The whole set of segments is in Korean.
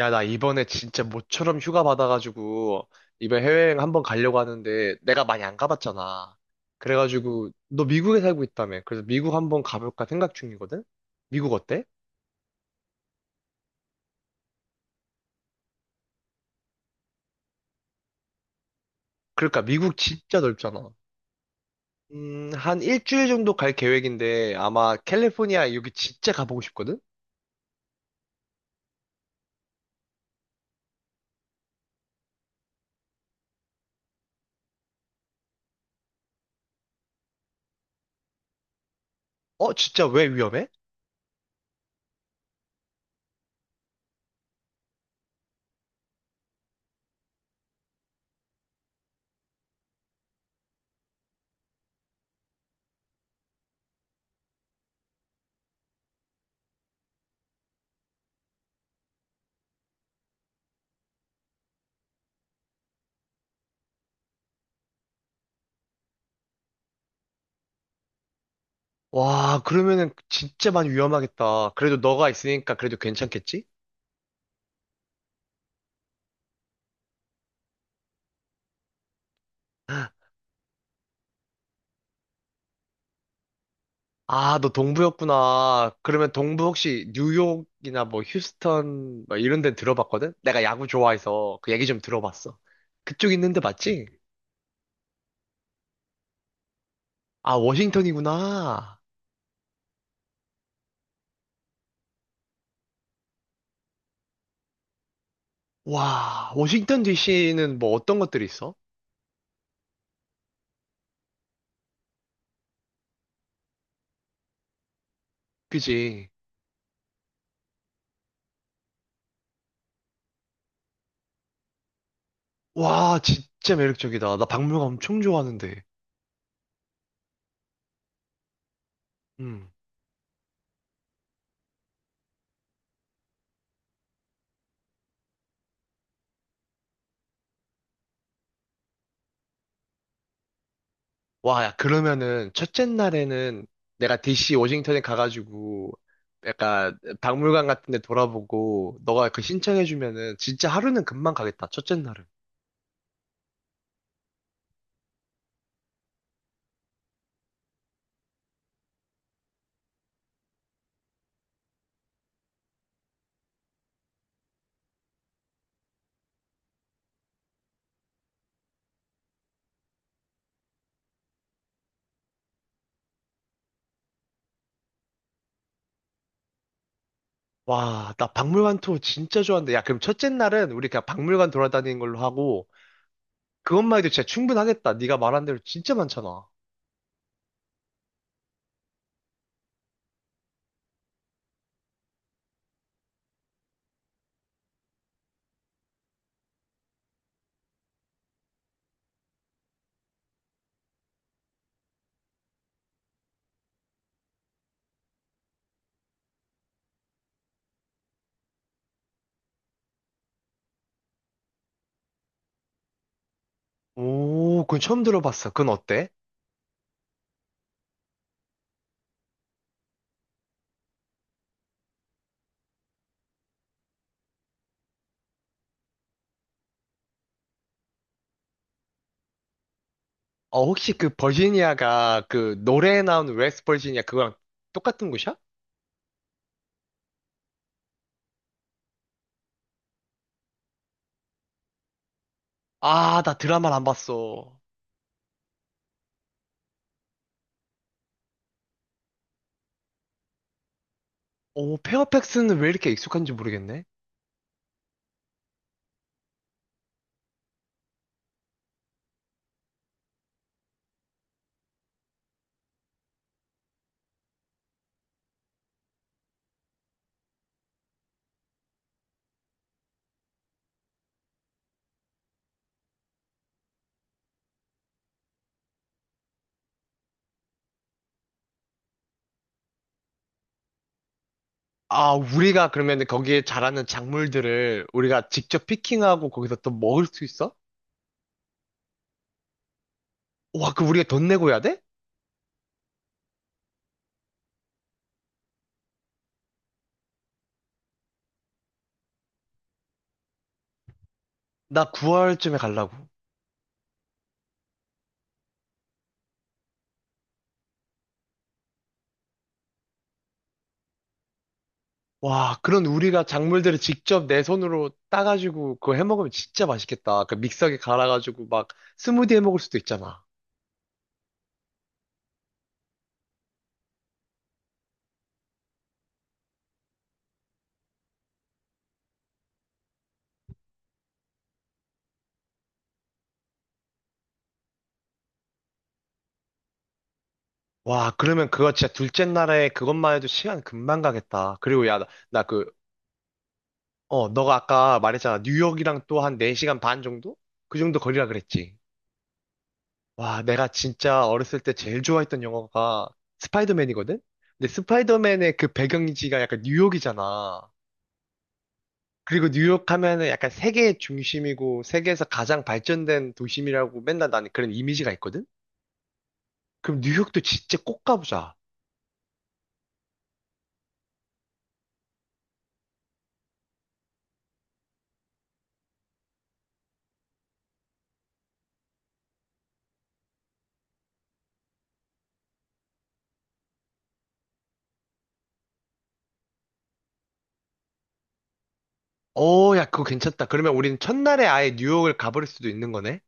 야, 나 이번에 진짜 모처럼 휴가 받아가지고, 이번 해외여행 한번 가려고 하는데, 내가 많이 안 가봤잖아. 그래가지고, 너 미국에 살고 있다며. 그래서 미국 한번 가볼까 생각 중이거든? 미국 어때? 그러니까 미국 진짜 넓잖아. 한 일주일 정도 갈 계획인데, 아마 캘리포니아 여기 진짜 가보고 싶거든? 어, 진짜 왜 위험해? 와, 그러면은 진짜 많이 위험하겠다. 그래도 너가 있으니까 그래도 괜찮겠지? 아, 너 동부였구나. 그러면 동부 혹시 뉴욕이나 뭐 휴스턴 뭐 이런 데 들어봤거든? 내가 야구 좋아해서 그 얘기 좀 들어봤어. 그쪽 있는데 맞지? 아, 워싱턴이구나. 와, 워싱턴 DC는 뭐 어떤 것들이 있어? 그지? 와, 진짜 매력적이다. 나 박물관 엄청 좋아하는데. 음. 와, 야, 그러면은 첫째 날에는 내가 DC 워싱턴에 가가지고 약간 박물관 같은 데 돌아보고 너가 그 신청해주면은 진짜 하루는 금방 가겠다, 첫째 날은. 와, 나 박물관 투어 진짜 좋아하는데. 야, 그럼 첫째 날은 우리 그냥 박물관 돌아다니는 걸로 하고 그것만 해도 진짜 충분하겠다. 네가 말한 대로 진짜 많잖아. 오, 그건 처음 들어봤어. 그건 어때? 어, 혹시 그 버지니아가 그 노래에 나오는 웨스트 버지니아 그거랑 똑같은 곳이야? 아, 나 드라마를 안 봤어. 오, 페어팩스는 왜 이렇게 익숙한지 모르겠네. 아, 우리가 그러면 거기에 자라는 작물들을 우리가 직접 피킹하고 거기서 또 먹을 수 있어? 와, 그 우리가 돈 내고 해야 돼? 나 9월쯤에 가려고. 와, 그런 우리가 작물들을 직접 내 손으로 따가지고 그거 해 먹으면 진짜 맛있겠다. 그 믹서기 갈아가지고 막 스무디 해 먹을 수도 있잖아. 와, 그러면 그거 진짜 둘째 날에 그것만 해도 시간 금방 가겠다. 그리고 야, 나 어, 너가 아까 말했잖아. 뉴욕이랑 또 한 4시간 반 정도? 그 정도 거리라 그랬지. 와, 내가 진짜 어렸을 때 제일 좋아했던 영화가 스파이더맨이거든? 근데 스파이더맨의 그 배경지가 약간 뉴욕이잖아. 그리고 뉴욕 하면은 약간 세계의 중심이고 세계에서 가장 발전된 도심이라고 맨날 나는 그런 이미지가 있거든? 그럼 뉴욕도 진짜 꼭 가보자. 어, 야, 그거 괜찮다. 그러면 우리는 첫날에 아예 뉴욕을 가버릴 수도 있는 거네?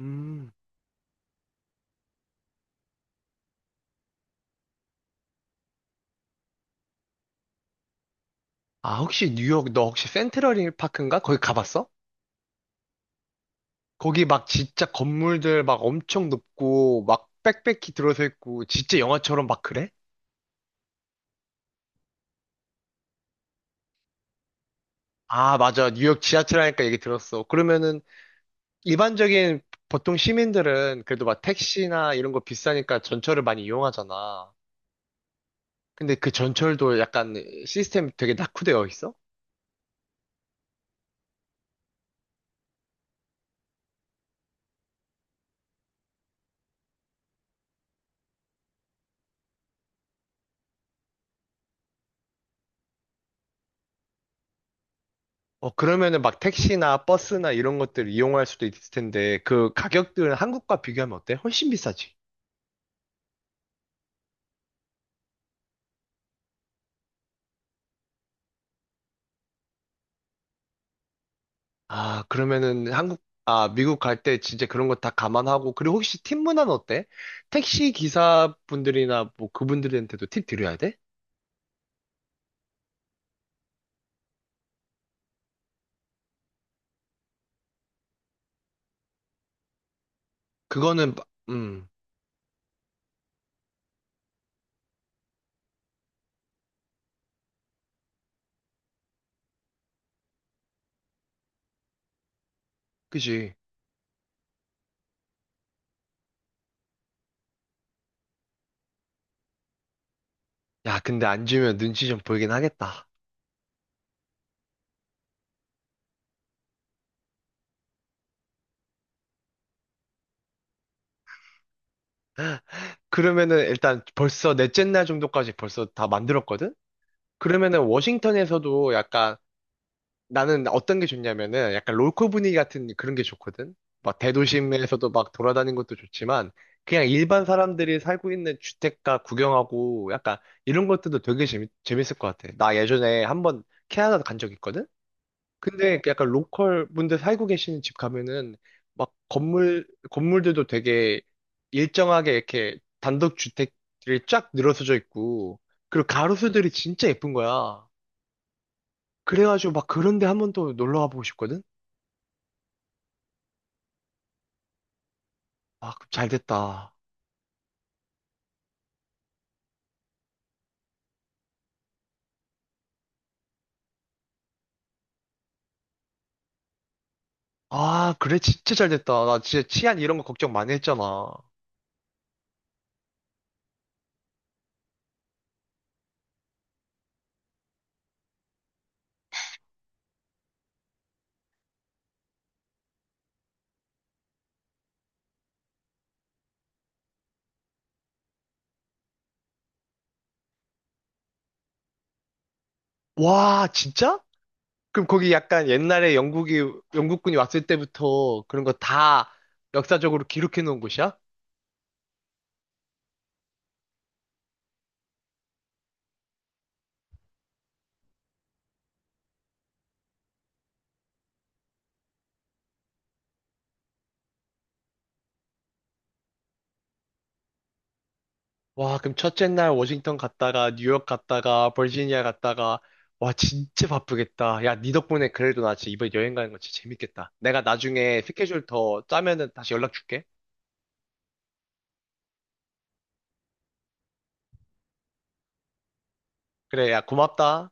음. 아, 혹시 뉴욕, 너 혹시 센트럴 힐 파크인가? 거기 가봤어? 거기 막 진짜 건물들 막 엄청 높고 막 빽빽히 들어서 있고 진짜 영화처럼 막 그래? 아, 맞아. 뉴욕 지하철 하니까 얘기 들었어. 그러면은 일반적인 보통 시민들은 그래도 막 택시나 이런 거 비싸니까 전철을 많이 이용하잖아. 근데 그 전철도 약간 시스템이 되게 낙후되어 있어? 어, 그러면은 막 택시나 버스나 이런 것들 이용할 수도 있을 텐데 그 가격들은 한국과 비교하면 어때? 훨씬 비싸지. 아, 그러면은 한국, 아, 미국 갈 때 진짜 그런 거 다 감안하고, 그리고 혹시 팀 문화는 어때? 택시 기사분들이나 뭐 그분들한테도 팁 드려야 돼? 그거는, 마- 음, 그지. 야, 근데 안 주면 눈치 좀 보이긴 하겠다. 그러면은 일단 벌써 넷째 날 정도까지 벌써 다 만들었거든? 그러면은 워싱턴에서도 약간 나는 어떤 게 좋냐면은 약간 롤코 분위기 같은 그런 게 좋거든. 막 대도심에서도 막 돌아다니는 것도 좋지만 그냥 일반 사람들이 살고 있는 주택가 구경하고 약간 이런 것들도 되게 재밌을 것 같아. 나 예전에 한번 캐나다 간 적 있거든? 근데 약간 로컬 분들 살고 계시는 집 가면은 막 건물들도 되게 일정하게 이렇게 단독 주택들이 쫙 늘어서져 있고 그리고 가로수들이 진짜 예쁜 거야. 그래가지고 막 그런 데 한번 또 놀러 가보고 싶거든? 아, 그럼 잘 됐다. 아, 그래, 진짜 잘 됐다. 나 진짜 치안 이런 거 걱정 많이 했잖아. 와, 진짜? 그럼 거기 약간 옛날에 영국군이 왔을 때부터 그런 거 다 역사적으로 기록해 놓은 곳이야? 와, 그럼 첫째 날 워싱턴 갔다가, 뉴욕 갔다가, 버지니아 갔다가, 와, 진짜 바쁘겠다. 야, 니 덕분에 그래도 나 진짜 이번 여행 가는 거 진짜 재밌겠다. 내가 나중에 스케줄 더 짜면은 다시 연락 줄게. 그래, 야, 고맙다.